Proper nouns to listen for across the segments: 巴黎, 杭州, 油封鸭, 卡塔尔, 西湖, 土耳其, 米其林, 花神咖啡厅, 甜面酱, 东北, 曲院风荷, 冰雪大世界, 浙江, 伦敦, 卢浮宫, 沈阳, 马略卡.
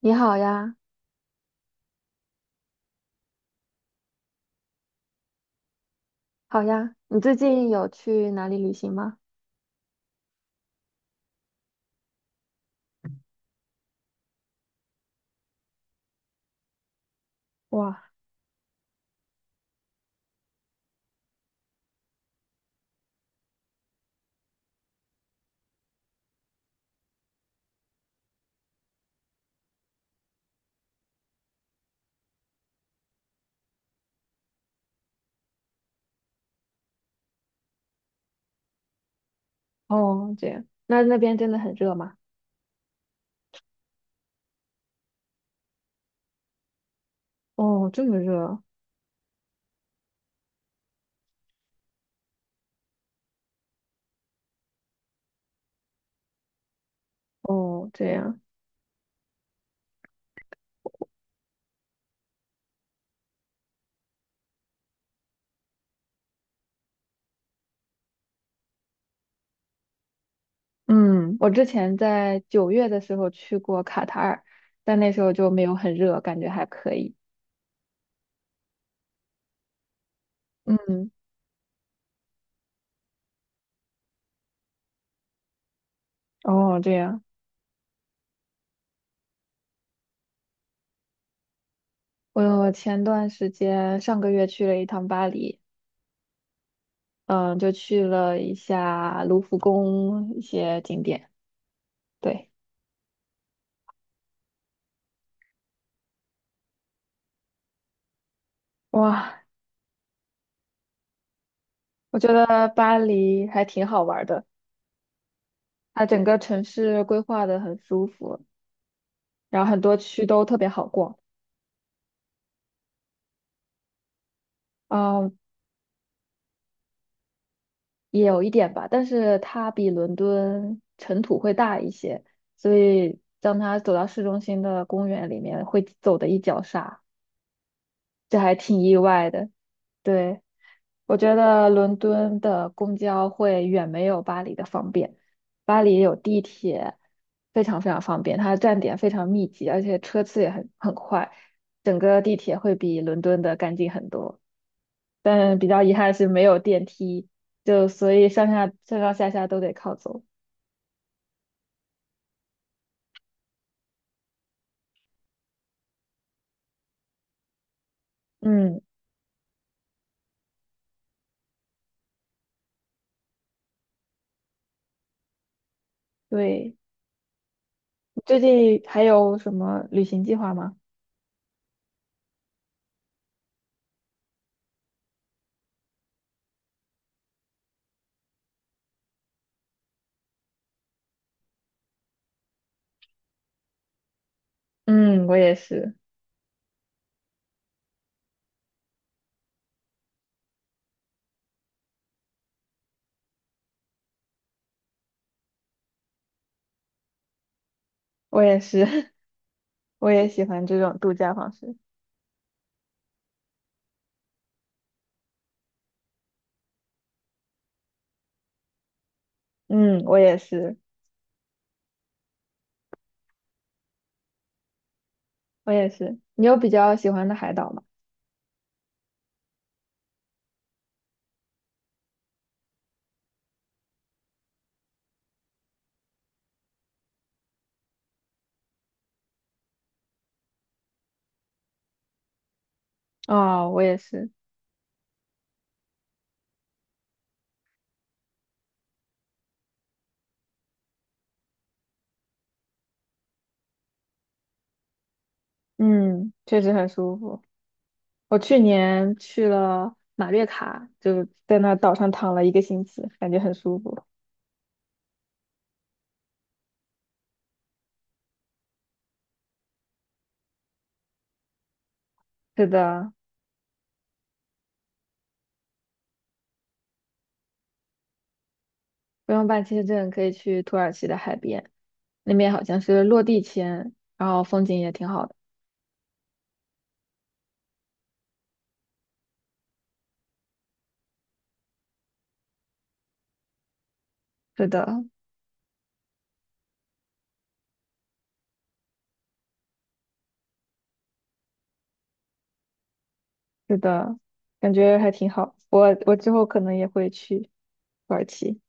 你好呀，好呀，你最近有去哪里旅行吗？哇，哦，这样，那边真的很热吗？哦，这么热啊，哦，这样，嗯，我之前在九月的时候去过卡塔尔，但那时候就没有很热，感觉还可以。嗯，哦，这样，我前段时间上个月去了一趟巴黎，嗯，就去了一下卢浮宫一些景点。对，哇，我觉得巴黎还挺好玩儿的。它整个城市规划的很舒服，然后很多区都特别好逛，嗯，也有一点吧，但是它比伦敦尘土会大一些，所以当它走到市中心的公园里面，会走的一脚沙，这还挺意外的。对，我觉得伦敦的公交会远没有巴黎的方便，巴黎有地铁，非常非常方便，它的站点非常密集，而且车次也很快，整个地铁会比伦敦的干净很多。但比较遗憾是没有电梯，就所以上上下下都得靠走。嗯，对，你最近还有什么旅行计划吗？嗯，我也是，我也是，我也喜欢这种度假方式。嗯，我也是。我也是。你有比较喜欢的海岛吗？哦，我也是。嗯，确实很舒服。我去年去了马略卡，就在那岛上躺了一个星期，感觉很舒服。是的，不用办签证可以去土耳其的海边，那边好像是落地签，然后风景也挺好的。是的，是的，感觉还挺好。我之后可能也会去土耳其。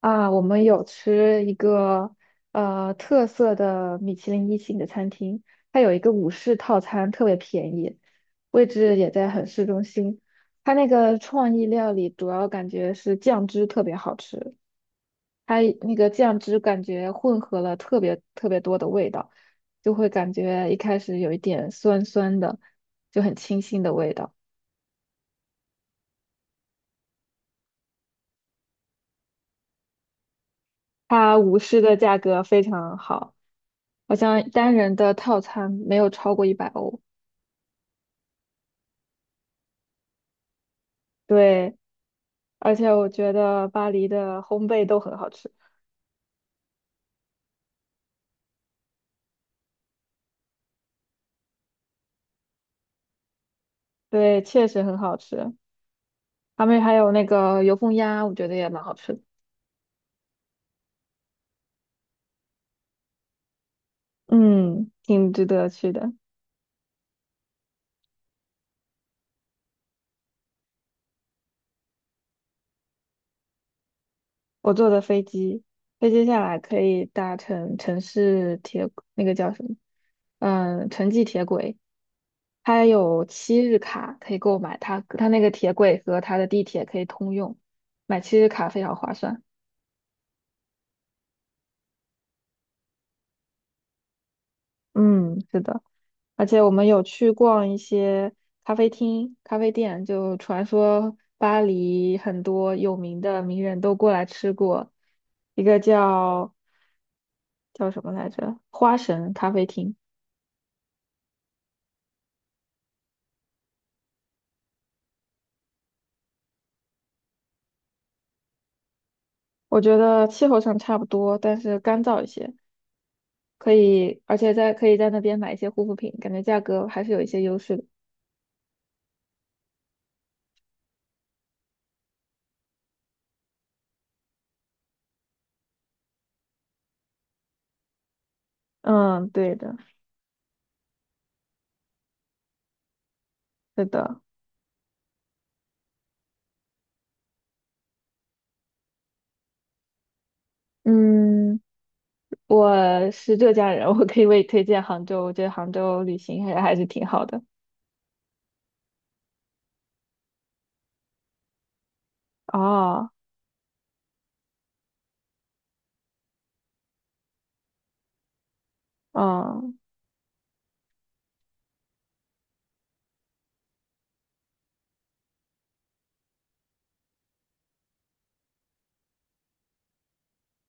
啊，我们有吃一个特色的米其林一星的餐厅，它有一个午市套餐，特别便宜，位置也在很市中心。它那个创意料理主要感觉是酱汁特别好吃，它那个酱汁感觉混合了特别特别多的味道，就会感觉一开始有一点酸酸的，就很清新的味道。它午市的价格非常好，好像单人的套餐没有超过100欧。对，而且我觉得巴黎的烘焙都很好吃，对，确实很好吃。他们还有那个油封鸭，我觉得也蛮好吃的，嗯，挺值得去的。我坐的飞机，飞机下来可以搭乘城市铁，那个叫什么？嗯，城际铁轨，它有七日卡可以购买，它那个铁轨和它的地铁可以通用，买七日卡非常划算。嗯，是的。而且我们有去逛一些咖啡厅、咖啡店，就传说巴黎很多有名的名人都过来吃过，一个叫什么来着？花神咖啡厅，我觉得气候上差不多，但是干燥一些，可以，而且可以在那边买一些护肤品，感觉价格还是有一些优势的。嗯，对的，是的，嗯，我是浙江人，我可以为你推荐杭州，我觉得杭州旅行还是挺好的。哦。嗯，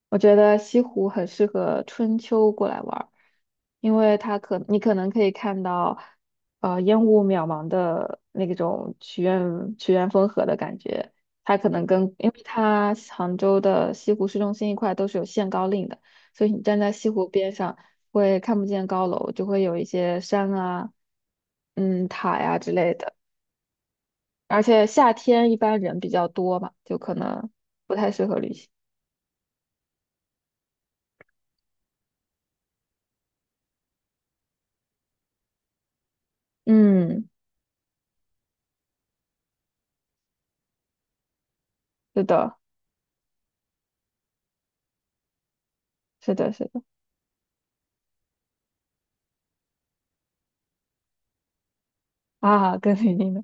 我觉得西湖很适合春秋过来玩儿，因为你可能可以看到，烟雾渺茫的那种曲院风荷的感觉。它可能跟因为它杭州的西湖市中心一块都是有限高令的，所以你站在西湖边上会看不见高楼，就会有一些山啊、塔呀、之类的。而且夏天一般人比较多嘛，就可能不太适合旅行。嗯，是的。是的，是的，啊，跟你定的。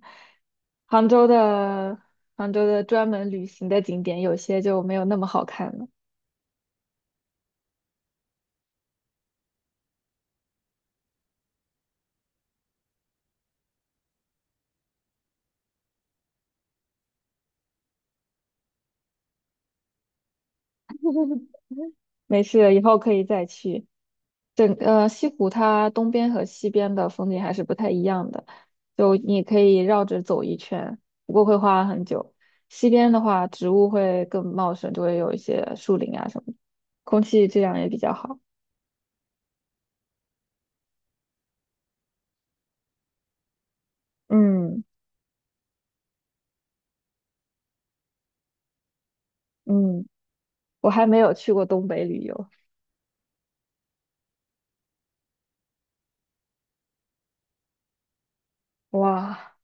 杭州的杭州的专门旅行的景点，有些就没有那么好看了 没事，以后可以再去。西湖它东边和西边的风景还是不太一样的，就你可以绕着走一圈，不过会花很久。西边的话，植物会更茂盛，就会有一些树林啊什么的空气质量也比较好。嗯嗯，我还没有去过东北旅游，哇。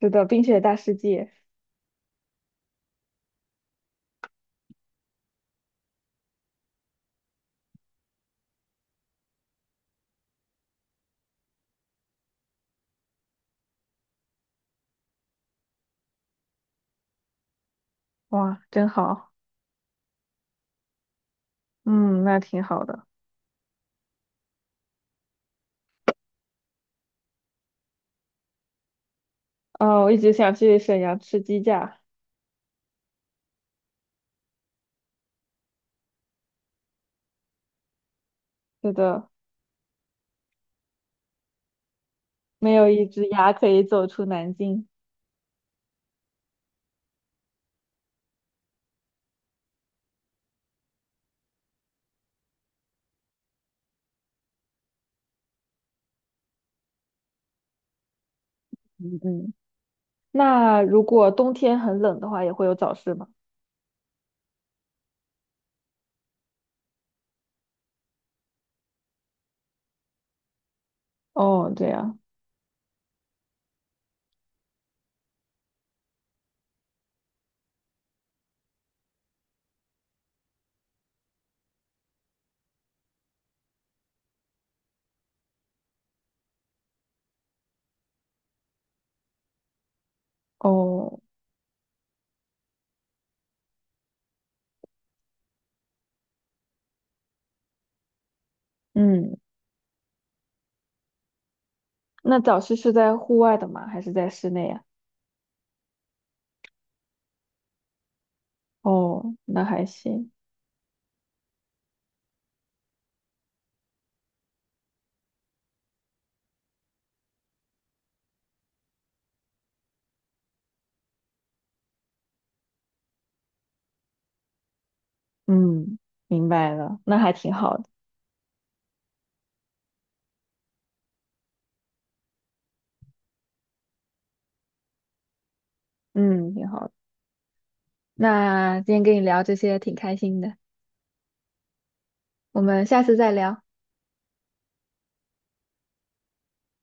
是的，冰雪大世界。哇，真好，嗯，那挺好的。哦，我一直想去沈阳吃鸡架。是的，没有一只鸭可以走出南京。嗯嗯，那如果冬天很冷的话，也会有早市吗？哦，对呀，哦，嗯，那早市是在户外的吗？还是在室内呀？哦，那还行。嗯，明白了，那还挺好的。嗯，挺好的。那今天跟你聊这些挺开心的，我们下次再聊。